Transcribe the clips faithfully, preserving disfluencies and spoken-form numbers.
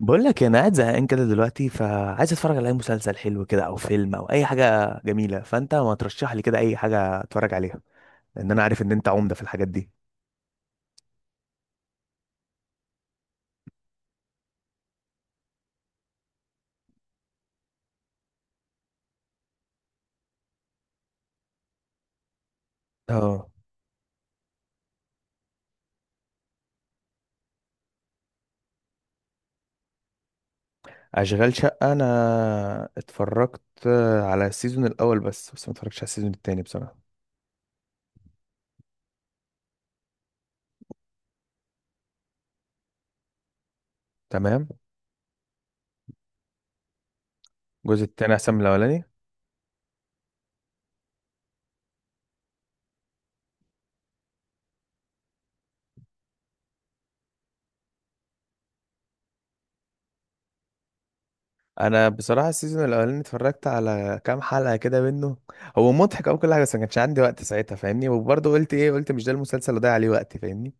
بقول لك انا قاعد زهقان كده دلوقتي، فعايز اتفرج على اي مسلسل حلو كده او فيلم او اي حاجه جميله. فانت ما ترشح لي كده اي حاجه اتفرج عليها، لان انا عارف ان انت عمده في الحاجات دي. اه، اشغال شقه انا اتفرجت على السيزون الاول بس. بس ما اتفرجتش على السيزون التاني بصراحه. تمام. الجزء التاني احسن من الاولاني. انا بصراحه السيزون الاولاني اتفرجت على كام حلقه كده منه. هو مضحك او كل حاجه، بس ما كانش عندي وقت ساعتها فاهمني. وبرضه قلت ايه، قلت مش ده المسلسل اللي ضيع عليه وقتي فاهمني.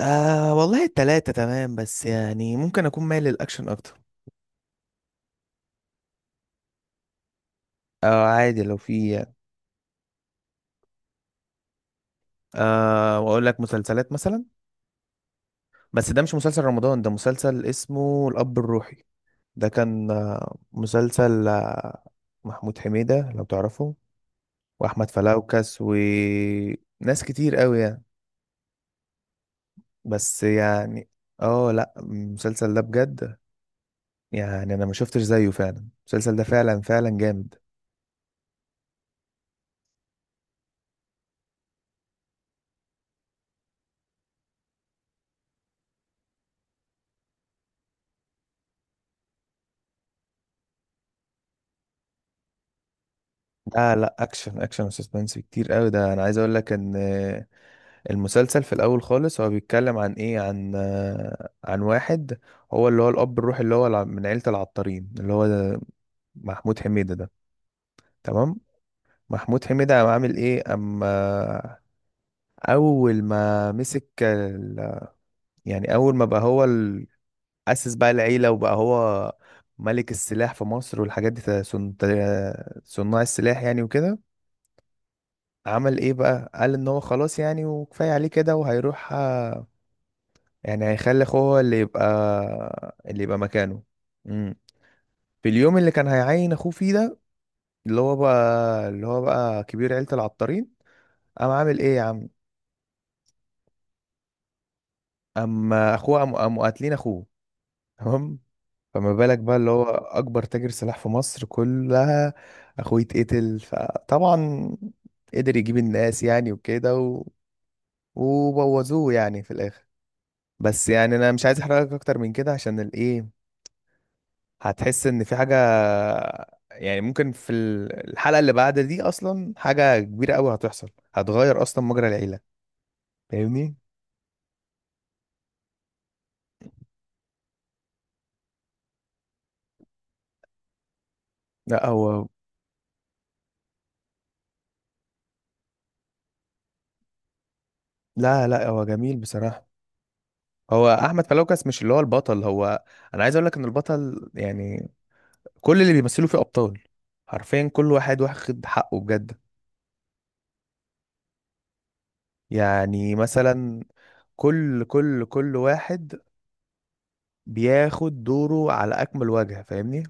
آه والله التلاتة تمام، بس يعني ممكن أكون مايل للأكشن أكتر. آه، عادي لو في يعني. آه، وأقول لك مسلسلات مثلا. بس ده مش مسلسل رمضان، ده مسلسل اسمه الأب الروحي. ده كان آه مسلسل آه محمود حميدة لو تعرفه، وأحمد فلوكس وناس كتير قوي يعني. بس يعني اه، لا المسلسل ده بجد يعني، أنا ما شفتش زيه. فعلا المسلسل ده فعلا فعلا جامد. لا لا، اكشن اكشن وسسبنس كتير قوي. ده انا عايز اقول لك ان المسلسل في الاول خالص هو بيتكلم عن ايه، عن عن واحد هو اللي هو الاب الروحي اللي هو الع- من عيلة العطارين اللي هو محمود حميدة ده. تمام. محمود حميدة قام عامل ايه اما اول ما مسك ال- يعني اول ما بقى هو ال- اسس بقى العيلة، وبقى هو ملك السلاح في مصر والحاجات دي. صن- صناع السلاح يعني وكده. عمل ايه بقى، قال ان هو خلاص يعني، وكفاية عليه كده، وهيروح آه، يعني هيخلي اخوه هو اللي يبقى اللي يبقى مكانه. امم. في اليوم اللي كان هيعين اخوه فيه ده اللي هو بقى اللي هو بقى كبير عيلة العطارين، قام عامل ايه يا عم. اما اخوه قام قاموا قاتلين اخوه. تمام. فما بالك بقى، اللي هو اكبر تاجر سلاح في مصر كلها اخوه يتقتل. فطبعا قدر يجيب الناس يعني وكده و... وبوظوه يعني في الاخر. بس يعني انا مش عايز احرقك اكتر من كده، عشان الايه، هتحس ان في حاجه. يعني ممكن في ال- الحلقه اللي بعد دي اصلا حاجه كبيره قوي هتحصل، هتغير اصلا مجرى العيله فاهمني. لا هو، لا لا هو جميل بصراحه. هو احمد فلوكس مش اللي هو البطل. هو انا عايز اقول لك ان البطل يعني كل اللي بيمثلوا فيه ابطال. حرفيا كل واحد واخد حقه بجد. يعني مثلا كل كل كل واحد بياخد دوره على اكمل وجه فاهمني.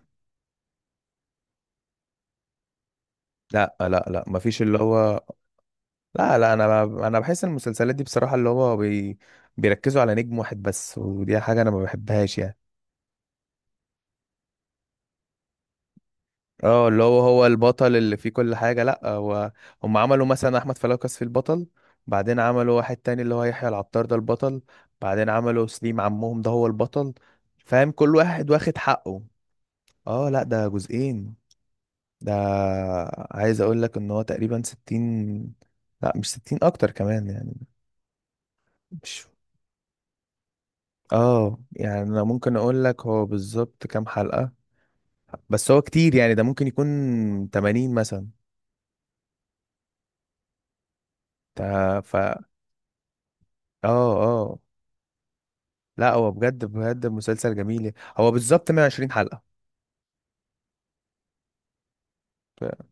لا لا لا مفيش اللي هو، لا لا، انا انا بحس ان المسلسلات دي بصراحة اللي هو بي... بيركزوا على نجم واحد بس، ودي حاجة انا ما بحبهاش يعني. اه اللي هو هو البطل اللي فيه كل حاجة. لا، هو هم عملوا مثلا احمد فلوكس في البطل، بعدين عملوا واحد تاني اللي هو يحيى العطار ده البطل، بعدين عملوا سليم عمهم ده هو البطل. فاهم كل واحد واخد حقه. اه لا ده جزئين. ده عايز اقول لك ان هو تقريبا ستين، لا مش ستين اكتر كمان يعني. مش اه يعني انا ممكن اقول لك هو بالظبط كام حلقة. بس هو كتير يعني، ده ممكن يكون تمانين مثلا. تا- ف اه. اه لا هو بجد بجد مسلسل جميل يعني. هو بالظبط مية وعشرين حلقة. ف-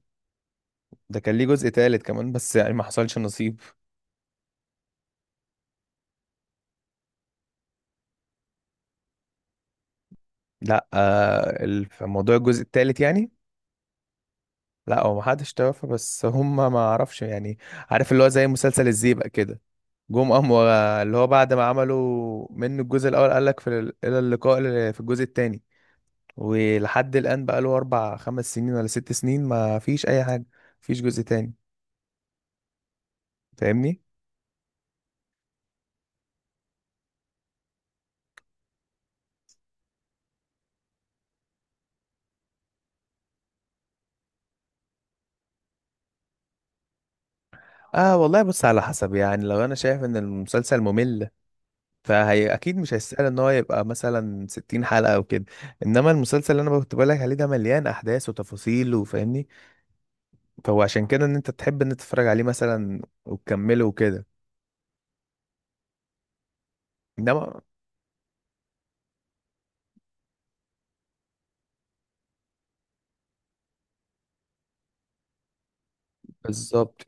ده كان ليه جزء تالت كمان بس يعني ما حصلش نصيب. لا آه ال- في موضوع الجزء التالت يعني. لا هو ما حدش توفى، بس هم ما اعرفش يعني. عارف اللي هو زي مسلسل الزيبق كده، جم قام و- اللي هو بعد ما عملوا منه الجزء الاول قال لك في ال- الى اللقاء ل- في الجزء التاني. ولحد الآن بقى له أربع خمس سنين ولا ست سنين ما فيش أي حاجة، مفيش جزء تاني فاهمني؟ اه والله بص على حسب يعني. لو انا شايف ان المسلسل ممل، فهي اكيد مش هيستاهل ان هو يبقى مثلا ستين حلقة او كده. انما المسلسل اللي انا كنت بقول لك عليه ده مليان احداث وتفاصيل وفاهمني. فهو عشان كده ان انت تحب ان أنت تتفرج عليه مثلا وتكمله وكده. انما بالظبط.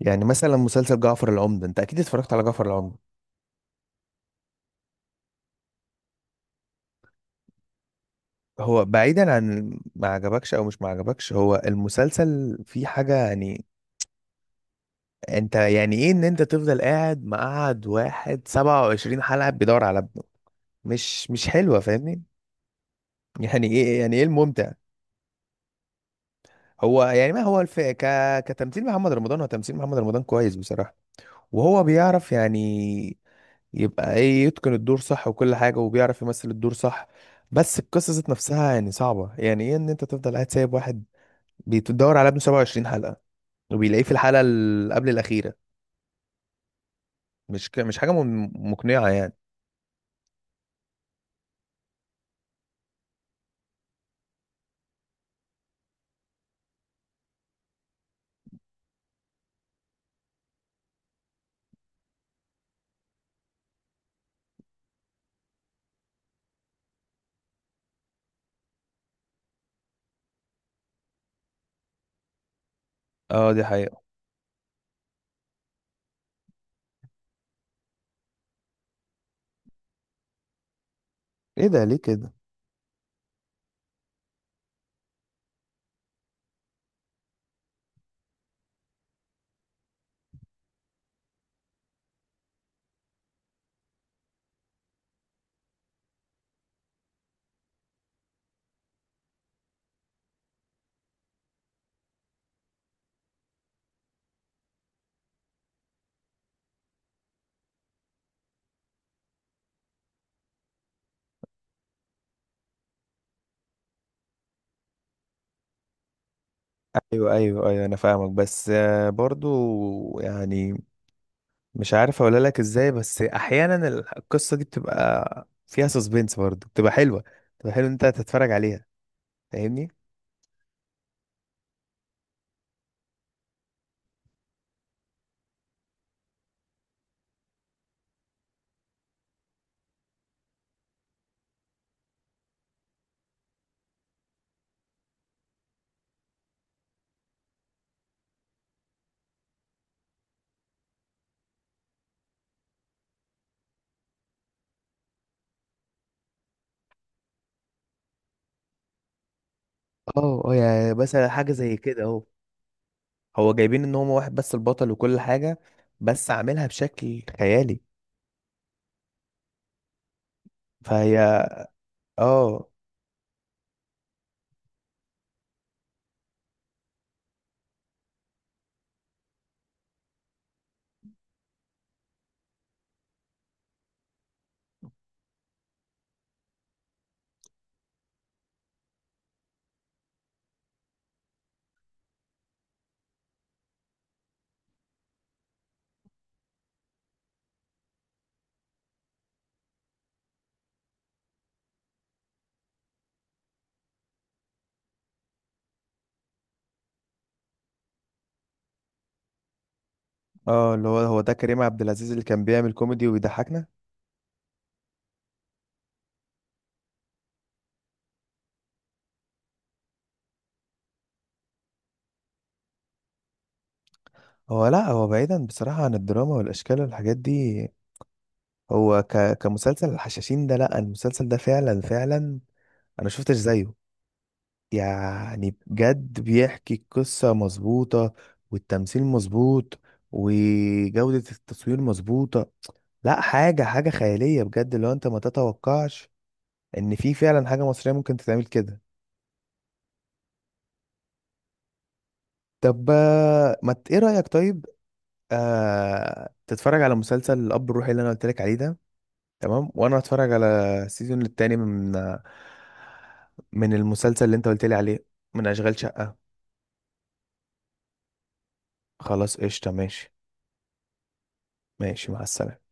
يعني مثلا مسلسل جعفر العمدة، انت اكيد اتفرجت على جعفر العمدة. هو بعيدا عن ما عجبكش او مش ما عجبكش، هو المسلسل فيه حاجة يعني. انت يعني ايه ان انت تفضل قاعد مقعد واحد سبعة وعشرين حلقة بيدور على ابنه. مش مش حلوة فاهمني. يعني ايه، يعني ايه الممتع. هو يعني ما هو الف... ك... كتمثيل محمد رمضان، هو تمثيل محمد رمضان كويس بصراحة. وهو بيعرف يعني يبقى ايه، يتقن الدور صح وكل حاجة، وبيعرف يمثل الدور صح. بس القصة ذات نفسها يعني صعبة. يعني ايه ان انت تفضل قاعد سايب واحد بتدور على ابنه سبعة وعشرين حلقة، وبيلاقيه في الحلقة اللي قبل الأخيرة. مش ك... مش حاجة م- مقنعة يعني. اه دي حقيقة. ايه ده ليه كده. ايوه ايوه ايوه انا فاهمك. بس آه، برضو يعني مش عارف اقول لك ازاي. بس احيانا ال- القصة دي بتبقى فيها سسبنس برضو، بتبقى حلوة، بتبقى حلو إن انت تتفرج عليها فاهمني. اه اه، يعني مثلا حاجة زي كده اهو. هو جايبين ان هو واحد بس البطل وكل حاجة، بس عاملها بشكل خيالي. فهي اه. اه اللي هو هو ده كريم عبد العزيز اللي كان بيعمل كوميدي وبيضحكنا. هو لا، هو بعيدا بصراحة عن الدراما والأشكال والحاجات دي، هو ك... كمسلسل الحشاشين ده. لا المسلسل ده فعلا فعلا أنا شفتش زيه. يعني بجد بيحكي القصة مظبوطة، والتمثيل مظبوط، وجودة التصوير مظبوطة. لا حاجة حاجة خيالية بجد، لو أنت ما تتوقعش إن في فعلا حاجة مصرية ممكن تتعمل كده. طب آه، ما ت- إيه رأيك طيب آه... تتفرج على مسلسل الأب الروحي اللي أنا قلت لك عليه ده. تمام، وانا هتفرج على السيزون التاني من من المسلسل اللي انت قلت لي عليه. من اشغال شقة. خلاص قشطة ماشي. ماشي مع السلامة.